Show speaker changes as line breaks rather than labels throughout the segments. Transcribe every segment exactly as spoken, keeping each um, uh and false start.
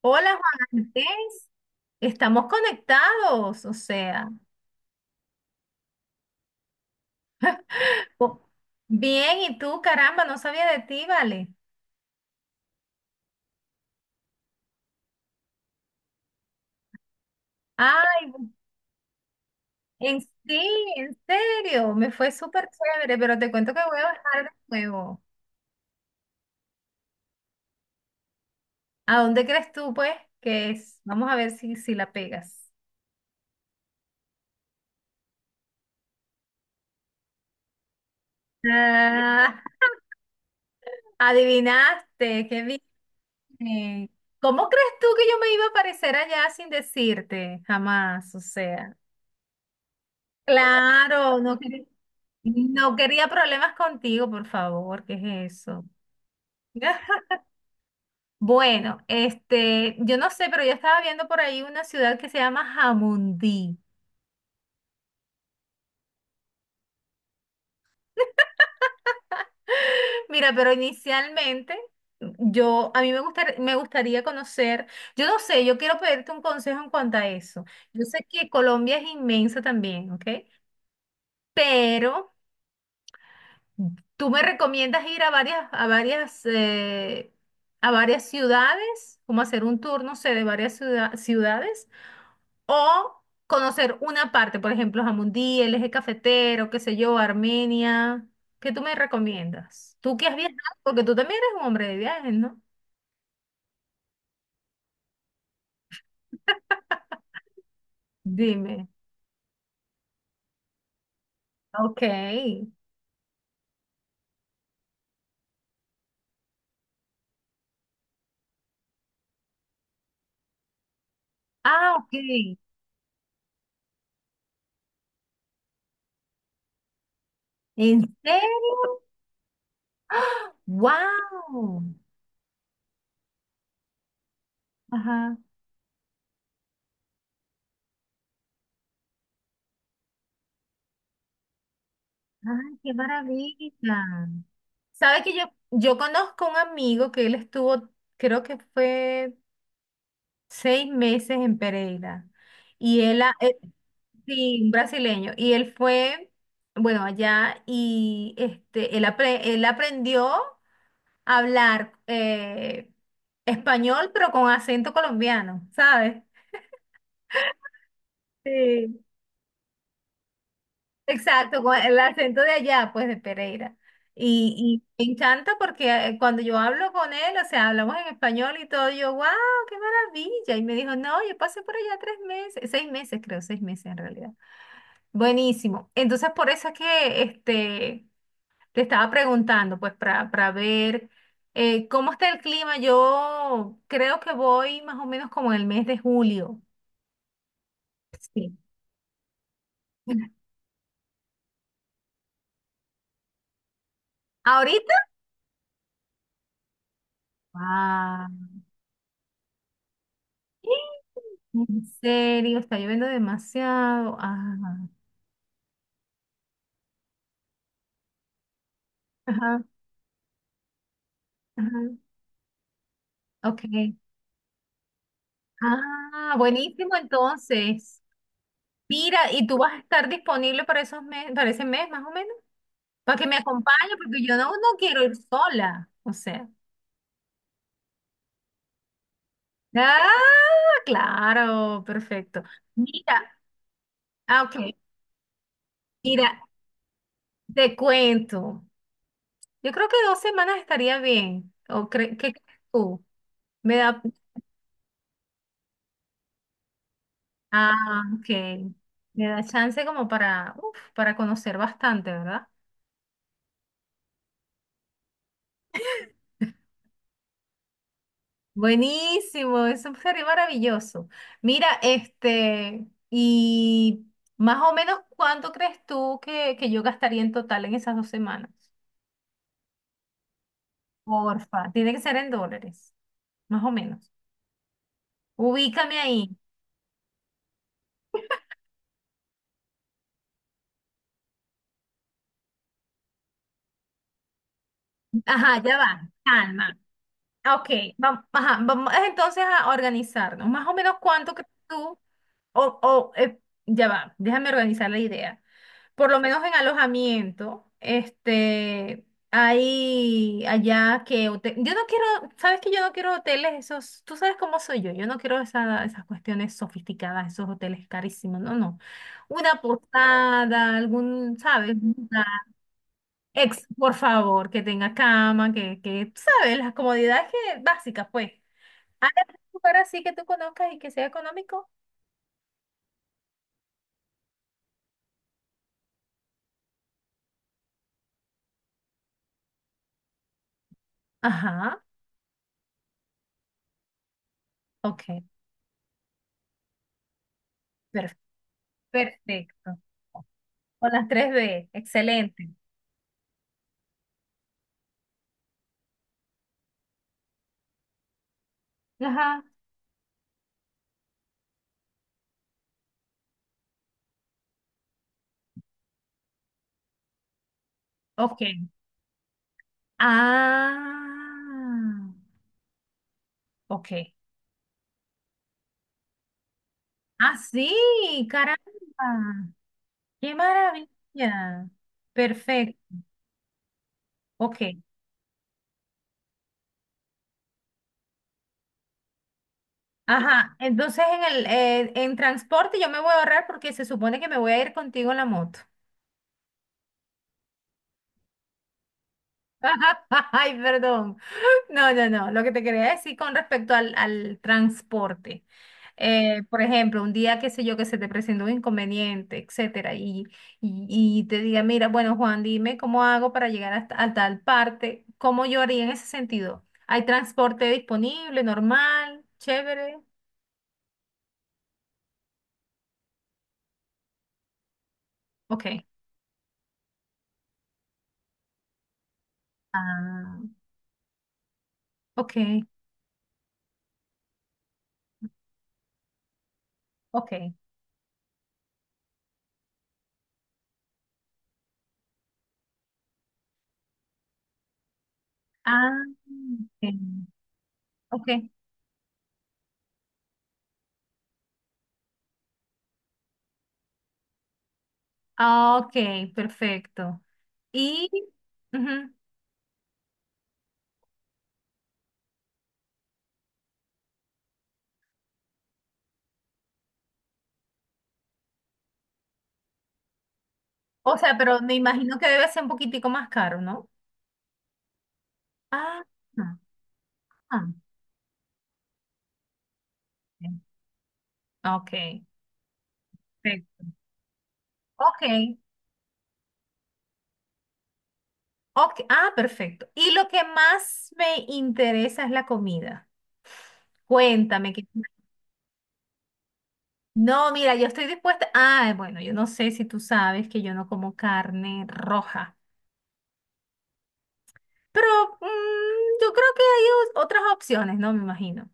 Hola Juan Andrés, estamos conectados, o sea, po- bien, y tú, caramba, no sabía de ti, vale. Ay, en sí, en serio, me fue súper chévere, pero te cuento que voy a bajar de nuevo. ¿A dónde crees tú, pues, que es? Vamos a ver si, si la pegas. Ah, adivinaste, qué bien. ¿Cómo crees tú que yo me iba a aparecer allá sin decirte? Jamás, o sea. Claro, no quería, no quería problemas contigo, por favor, ¿qué es eso? Bueno, este, yo no sé, pero yo estaba viendo por ahí una ciudad que se llama Jamundí. Mira, pero inicialmente yo, a mí me gustar- me gustaría conocer, yo no sé, yo quiero pedirte un consejo en cuanto a eso. Yo sé que Colombia es inmensa también, ¿ok? Pero ¿tú me recomiendas ir a varias, a varias, eh, a varias ciudades, como hacer un tour, no sé, de varias ciuda- ciudades, o conocer una parte, por ejemplo, Jamundí, el eje cafetero, qué sé yo, Armenia? ¿Qué tú me recomiendas? Tú que has viajado, porque tú también eres un hombre de viajes, ¿no? Dime. Ok. Ah, ok. ¿En serio? ¡Ah! ¡Wow! Ajá. ¡Ay, qué maravilla! Sabe que yo, yo conozco un amigo que él estuvo, creo que fue seis meses en Pereira. Y él, a eh, sí, un brasileño. Y él fue, bueno, allá y este, él, apre- él aprendió a hablar eh, español, pero con acento colombiano, ¿sabes? Sí. Exacto, con el acento de allá, pues de Pereira. Y, y me encanta porque eh, cuando yo hablo con él, o sea, hablamos en español y todo, yo, wow, qué maravilla. Y me dijo, no, yo pasé por allá tres meses, seis meses creo, seis meses en realidad. Buenísimo. Entonces, por eso es que este, te estaba preguntando, pues, para, para ver eh, cómo está el clima. Yo creo que voy más o menos como en el mes de julio. Sí. ¿Ahorita? Ah. En serio, está lloviendo demasiado. Ah, ajá, ajá. Ok. Ah, buenísimo entonces. Mira, ¿y tú vas a estar disponible para esos mes, para ese mes más o menos? Para que me acompañe, porque yo no, no quiero ir sola. O sea. Ah, claro, perfecto. Mira, ah, ok. Mira, te cuento. Yo creo que dos semanas estaría bien. ¿O cre- qué crees tú? Me da, ah, ok. Me da chance como para, uf, para conocer bastante, ¿verdad? Buenísimo, eso sería maravilloso. Mira, este, y más o menos, ¿cuánto crees tú que, que yo gastaría en total en esas dos semanas? Porfa, tiene que ser en dólares, más o menos. Ubícame ahí. Ajá, ya va. Calma. Ah, ok, vamos, ajá, vamos entonces a organizarnos. Más o menos cuánto que tú, o, o, eh, ya va, déjame organizar la idea. Por lo menos en alojamiento, este, hay allá que hotel- yo no quiero, sabes que yo no quiero hoteles esos, tú sabes cómo soy yo, yo no quiero esa- esas cuestiones sofisticadas, esos hoteles carísimos, no, no. Una posada, algún, ¿sabes? Ex, por favor, que tenga cama, que, que, tú sabes, las comodidades que, básicas, pues. Hay algún lugar así que tú conozcas y que sea económico. Ajá, ok, per- perfecto. Con las tres b excelente. Ajá, ok. Ah, ok. Ah, sí, caramba. Qué maravilla. Perfecto, ok. Ajá, entonces en el eh, en transporte yo me voy a ahorrar porque se supone que me voy a ir contigo en la moto. Ay, perdón. No, no, no. Lo que te quería decir con respecto al, al transporte. Eh, por ejemplo, un día, qué sé yo, que se te presentó un inconveniente, etcétera, y, y, y te diga, mira, bueno, Juan, dime cómo hago para llegar hasta, a tal parte, ¿cómo yo haría en ese sentido? ¿Hay transporte disponible, normal, chévere? Ok. Ah, ok, ok. Ah, ok. Ok, ah, ok, perfecto. Y, ujú. O sea, pero me imagino que debe ser un poquitico más caro, ¿no? Ah, ah, ok, ok, perfecto. Ok, ok, ah, perfecto. Y lo que más me interesa es la comida. Cuéntame que... No, mira, yo estoy dispuesta. Ah, bueno, yo no sé si tú sabes que yo no como carne roja, pero mm, yo creo que hay o- otras opciones, ¿no? Me imagino.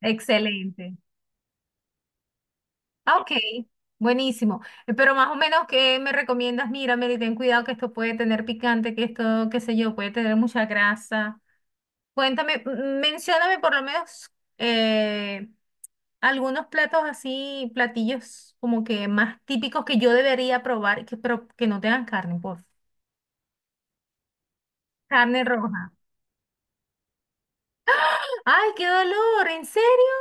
Excelente. Ah, ok, buenísimo. Eh, Pero más o menos, ¿qué me recomiendas? Mira, Mary, ten cuidado que esto puede tener picante, que esto, qué sé yo, puede tener mucha grasa. Cuéntame, mm, mencióname por lo menos eh, algunos platos así, platillos como que más típicos que yo debería probar, y que, pero que no tengan carne, por favor. Carne roja. ¡Ay, qué dolor! ¿En serio?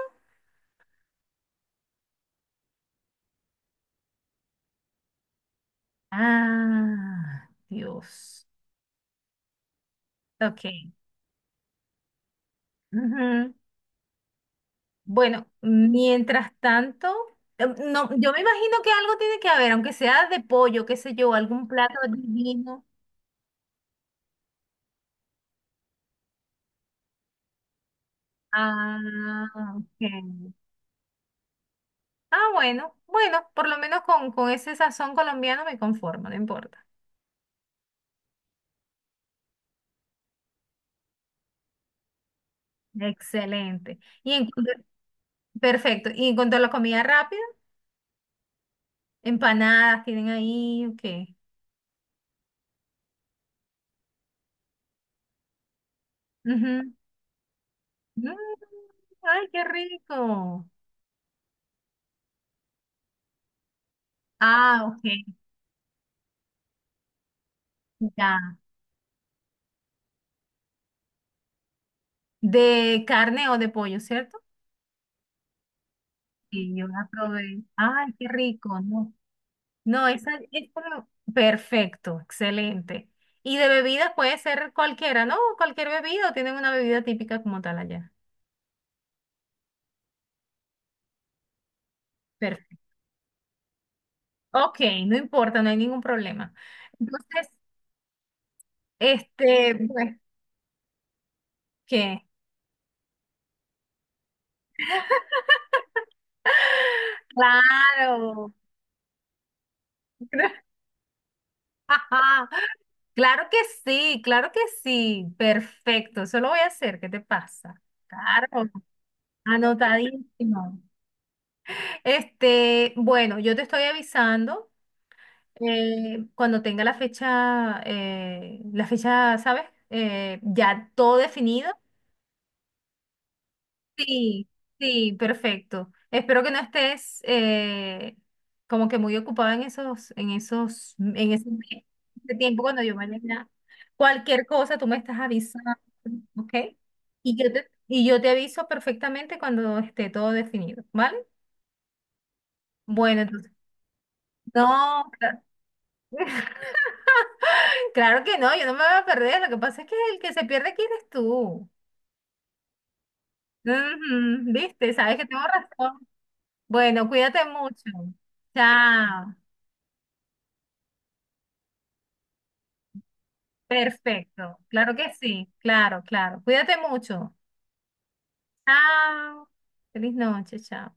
Ah, Dios. Ok. Bueno, mientras tanto, eh, no, yo me imagino que algo tiene que haber, aunque sea de pollo, qué sé yo, algún plato divino. Ah, ok. Ah, bueno, bueno, por lo menos con, con ese sazón colombiano me conformo, no importa. Excelente. Y en cuanto- perfecto. Y en cuanto a la comida rápida, empanadas tienen ahí, ok. Ujú. Mm, ay, qué rico. Ah, ok. Ya. ¿De carne o de pollo, cierto? Sí, yo la probé. Ay, qué rico, no. No, esa es como perfecto, excelente. Y de bebidas puede ser cualquiera, ¿no? Cualquier bebida o tienen una bebida típica como tal allá. Perfecto. Ok, no importa, no hay ningún problema. Entonces, este, pues, ¿qué? Claro. Claro que sí, claro que sí. Perfecto, eso lo voy a hacer. ¿Qué te pasa? Claro, anotadísimo. Este, bueno, yo te estoy avisando eh, cuando tenga la fecha, eh, la fecha, ¿sabes? Eh, ya todo definido. Sí, sí, perfecto. Espero que no estés eh, como que muy ocupada en esos, en esos, en ese, en ese tiempo cuando yo mañana. Cualquier cosa tú me estás avisando, ¿ok? Y yo te, y yo te aviso perfectamente cuando esté todo definido, ¿vale? Bueno, entonces, no, claro. Claro que no, yo no me voy a perder. Lo que pasa es que el que se pierde aquí eres tú. Ujú, ¿viste? Sabes que tengo razón. Bueno, cuídate mucho. Chao. Perfecto. Claro que sí. Claro, claro. Cuídate mucho. Chao. Feliz noche. Chao.